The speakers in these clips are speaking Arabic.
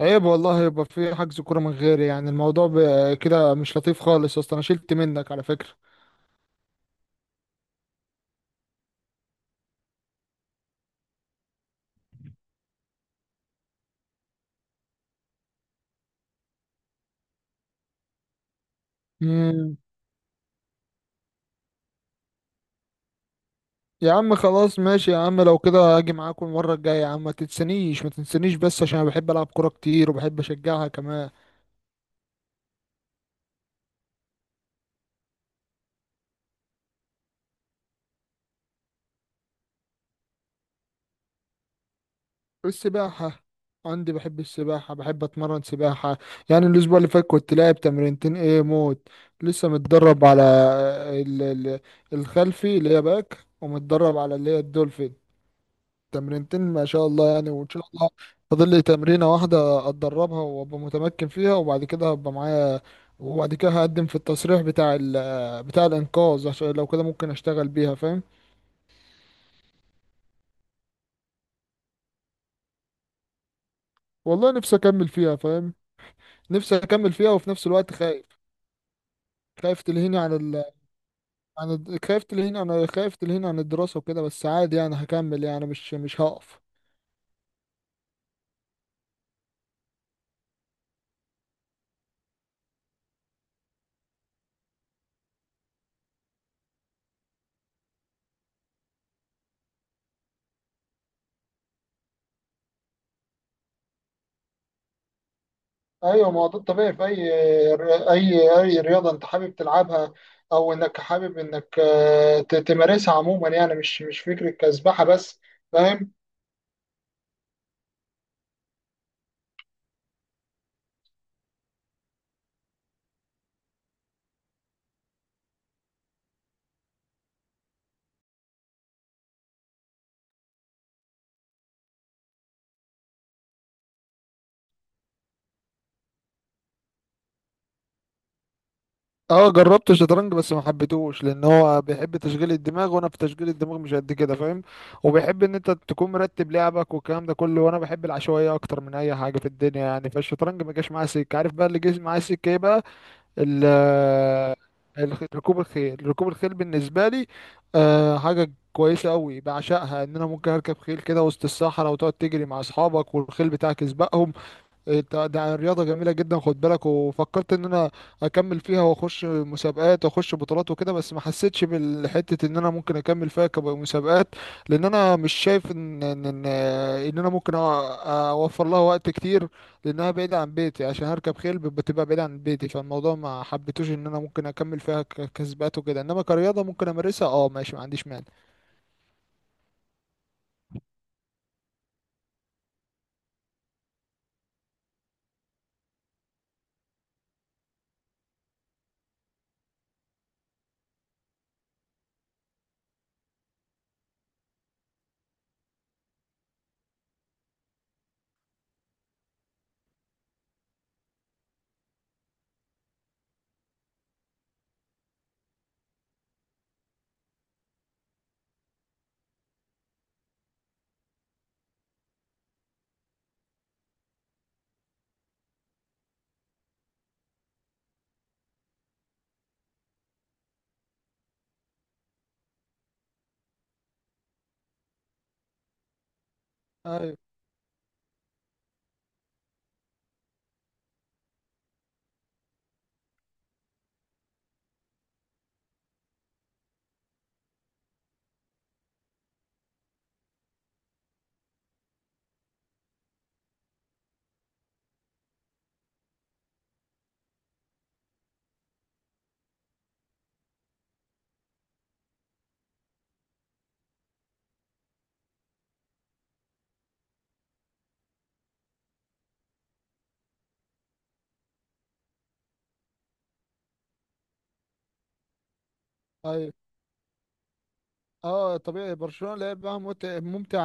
عيب والله يبقى في حجز كورة من غيري، يعني الموضوع كده مش لطيف خالص يا اسطى، انا شلت منك على فكرة. امم يا عم خلاص ماشي يا عم، لو كده هاجي معاكم المرة الجاية، يا عم ما تنسانيش ما تنسانيش، بس عشان انا بحب العب كورة كتير وبحب اشجعها كمان. السباحة، عندي بحب السباحة، بحب اتمرن سباحة. يعني الاسبوع اللي فات كنت لاعب تمرينتين ايه موت. لسه متدرب على ال- ال- الخلفي اللي هي باك، ومتدرب على اللي هي الدولفين. تمرينتين ما شاء الله يعني، وان شاء الله فاضل لي تمرينه واحده اتدربها وابقى متمكن فيها، وبعد كده هبقى معايا. وبعد كده هقدم في التصريح بتاع بتاع الانقاذ، عشان لو كده ممكن اشتغل بيها، فاهم. والله نفسي اكمل فيها فاهم. نفسي اكمل فيها، وفي نفس الوقت خايف. خايف تلهيني عن ال... عن الد- خايف تلهيني عن خايف تلهيني عن الدراسه وكده، بس عادي يعني هكمل، يعني مش هقف. ايوه، ما هو ده الطبيعي في اي اي رياضه انت حابب تلعبها، او انك حابب انك تمارسها عموما، يعني مش فكره كسبحه بس، فاهم. اه جربت الشطرنج، بس ما حبيتهوش لان هو بيحب تشغيل الدماغ وانا في تشغيل الدماغ مش قد كده، فاهم. وبيحب ان انت تكون مرتب لعبك والكلام ده كله، وانا بحب العشوائيه اكتر من اي حاجه في الدنيا يعني، فالشطرنج ما جاش معايا سكه. عارف بقى اللي جه معايا سكه ايه بقى؟ ال- آه، ركوب الخيل. ركوب الخيل بالنسبة لي حاجة كويسة أوي بعشقها، إن أنا ممكن أركب خيل كده وسط الصحراء وتقعد تجري مع أصحابك والخيل بتاعك يسبقهم. إيه ده، ده رياضة جميلة جدا، خد بالك. وفكرت ان انا اكمل فيها واخش مسابقات واخش بطولات وكده، بس ما حسيتش بالحتة ان انا ممكن اكمل فيها كمسابقات، لان انا مش شايف ان إن انا ممكن اوفر لها وقت كتير، لانها بعيدة عن بيتي. عشان هركب خيل بتبقى بعيدة عن بيتي، فالموضوع ما حبيتوش ان انا ممكن اكمل فيها كسبات وكده، انما كرياضة ممكن امارسها، اه ماشي، ما عنديش مانع. ايوه، ايوه، اه طبيعي برشلونة لعبها ممتع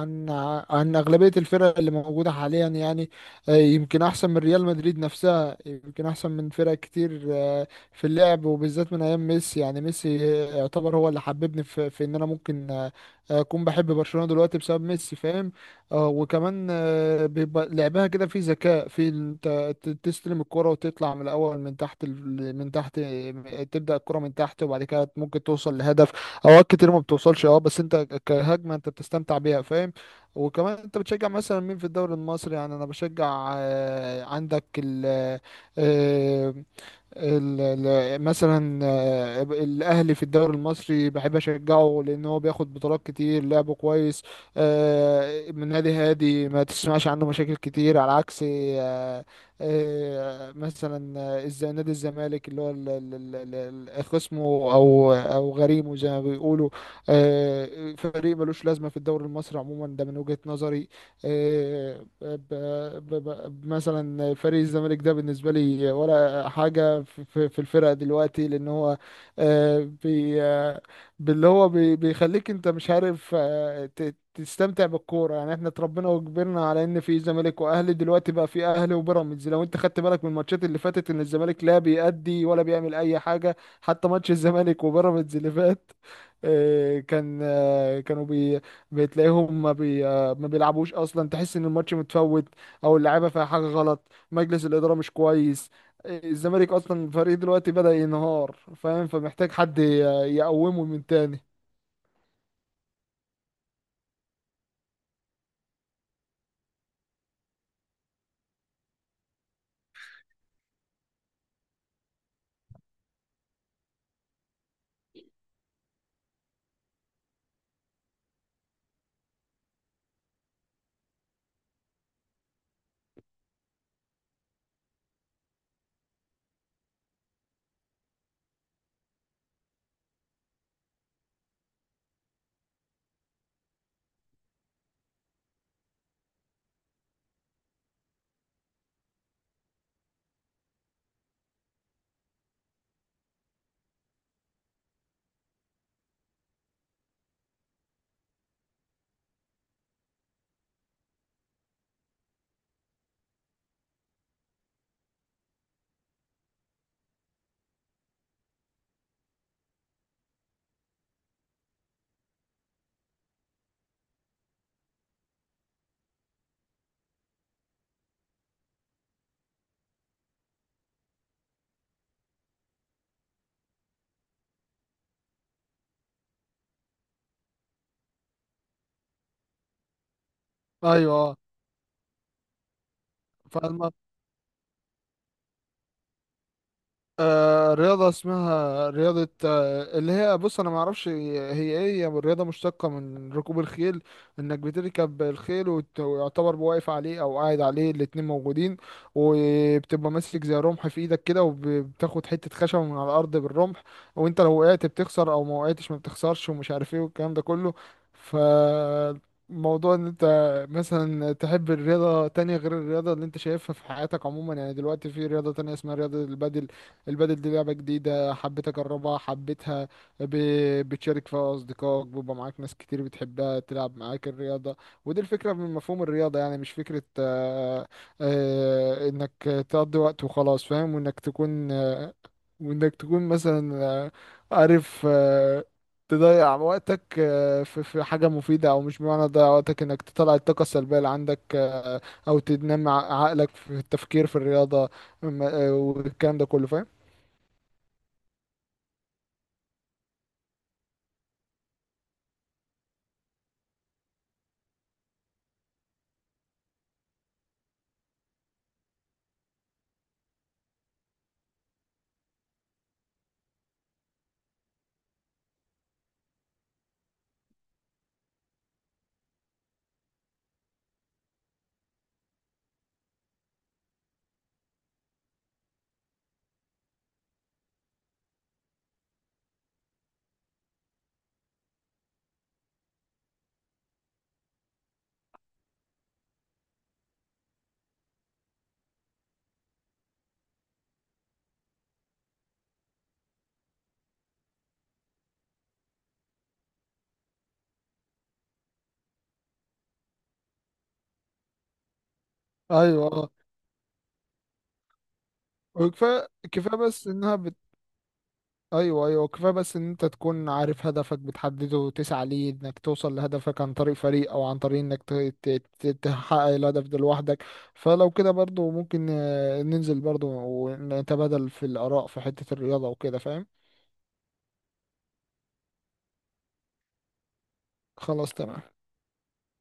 عن عن أغلبية الفرق اللي موجودة حاليا، يعني يمكن أحسن من ريال مدريد نفسها، يمكن أحسن من فرق كتير في اللعب، وبالذات من أيام ميسي. يعني ميسي يعتبر هو اللي حببني في إن أنا ممكن أكون بحب برشلونة دلوقتي بسبب ميسي، فاهم. وكمان بيبقى لعبها كده في ذكاء، في أنت تستلم الكرة وتطلع من الأول من تحت من تحت، تبدأ الكرة من تحت وبعد كده ممكن توصل لهدف. اوقات كتير ما بتوصلش اه، بس انت كهجمه انت بتستمتع بيها، فاهم. وكمان انت بتشجع مثلا مين في الدوري المصري؟ يعني انا بشجع عندك ال آه، ال- ال- مثلا الاهلي في الدوري المصري بحب اشجعه، لان هو بياخد بطولات كتير، لعبه كويس من نادي هادي ما تسمعش عنه مشاكل كتير، على عكس مثلا نادي الزمالك اللي هو خصمه او او غريمه زي ما بيقولوا. فريق ملوش لازمه في الدوري المصري عموما، ده من وجهة نظري. آه، ب- مثلا فريق الزمالك ده بالنسبه لي ولا حاجة في الفرقة دلوقتي، لأن هو آه، بي آه، باللي هو بي- بيخليك أنت مش عارف تستمتع بالكورة. يعني احنا اتربينا وكبرنا على ان في زمالك واهلي، دلوقتي بقى في اهلي وبيراميدز. لو انت خدت بالك من الماتشات اللي فاتت، ان الزمالك لا بيأدي ولا بيعمل اي حاجة. حتى ماتش الزمالك وبيراميدز اللي فات كانوا بي بتلاقيهم ما بي آه، ما بيلعبوش اصلا، تحس ان الماتش متفوت، او اللعيبه فيها حاجه غلط، مجلس الاداره مش كويس، الزمالك اصلا فريق دلوقتي بدأ ينهار، فاهم. فمحتاج حد يقومه من تاني. ايوه، فالم- رياضة اسمها رياضة، آه اللي هي بص أنا معرفش هي إيه. هي رياضة مشتقة من ركوب الخيل، إنك بتركب الخيل ويعتبر واقف عليه أو قاعد عليه، الاتنين موجودين، وبتبقى ماسك زي رمح في إيدك كده، وبتاخد حتة خشب من على الأرض بالرمح، وأنت لو وقعت بتخسر، أو ما وقعتش ما بتخسرش، ومش عارف إيه والكلام ده كله. ف موضوع ان انت مثلا تحب الرياضة تانية غير الرياضة اللي انت شايفها في حياتك عموما، يعني دلوقتي في رياضة تانية اسمها رياضة البادل. البادل دي لعبة جديدة حبيت أجربها، حبيتها. ب... بتشارك فيها أصدقائك، بيبقى معاك ناس كتير بتحبها تلعب معاك الرياضة. ودي الفكرة من مفهوم الرياضة، يعني مش فكرة إنك تقضي وقت وخلاص، فاهم. وإنك تكون وإنك تكون مثلا عارف تضيع وقتك في في حاجة مفيدة. أو مش بمعنى تضيع وقتك، إنك تطلع الطاقة السلبية اللي عندك أو تنمي عقلك في التفكير في الرياضة والكلام ده كله، فاهم. ايوه اه، وكفايه بس انها ايوه ايوه، كفايه بس ان انت تكون عارف هدفك، بتحدده وتسعى ليه انك توصل لهدفك عن طريق فريق، او عن طريق انك ت... تحقق الهدف ده لوحدك. فلو كده برضو ممكن ننزل برضو ونتبادل في الاراء في حته الرياضه وكده، فاهم. خلاص تمام.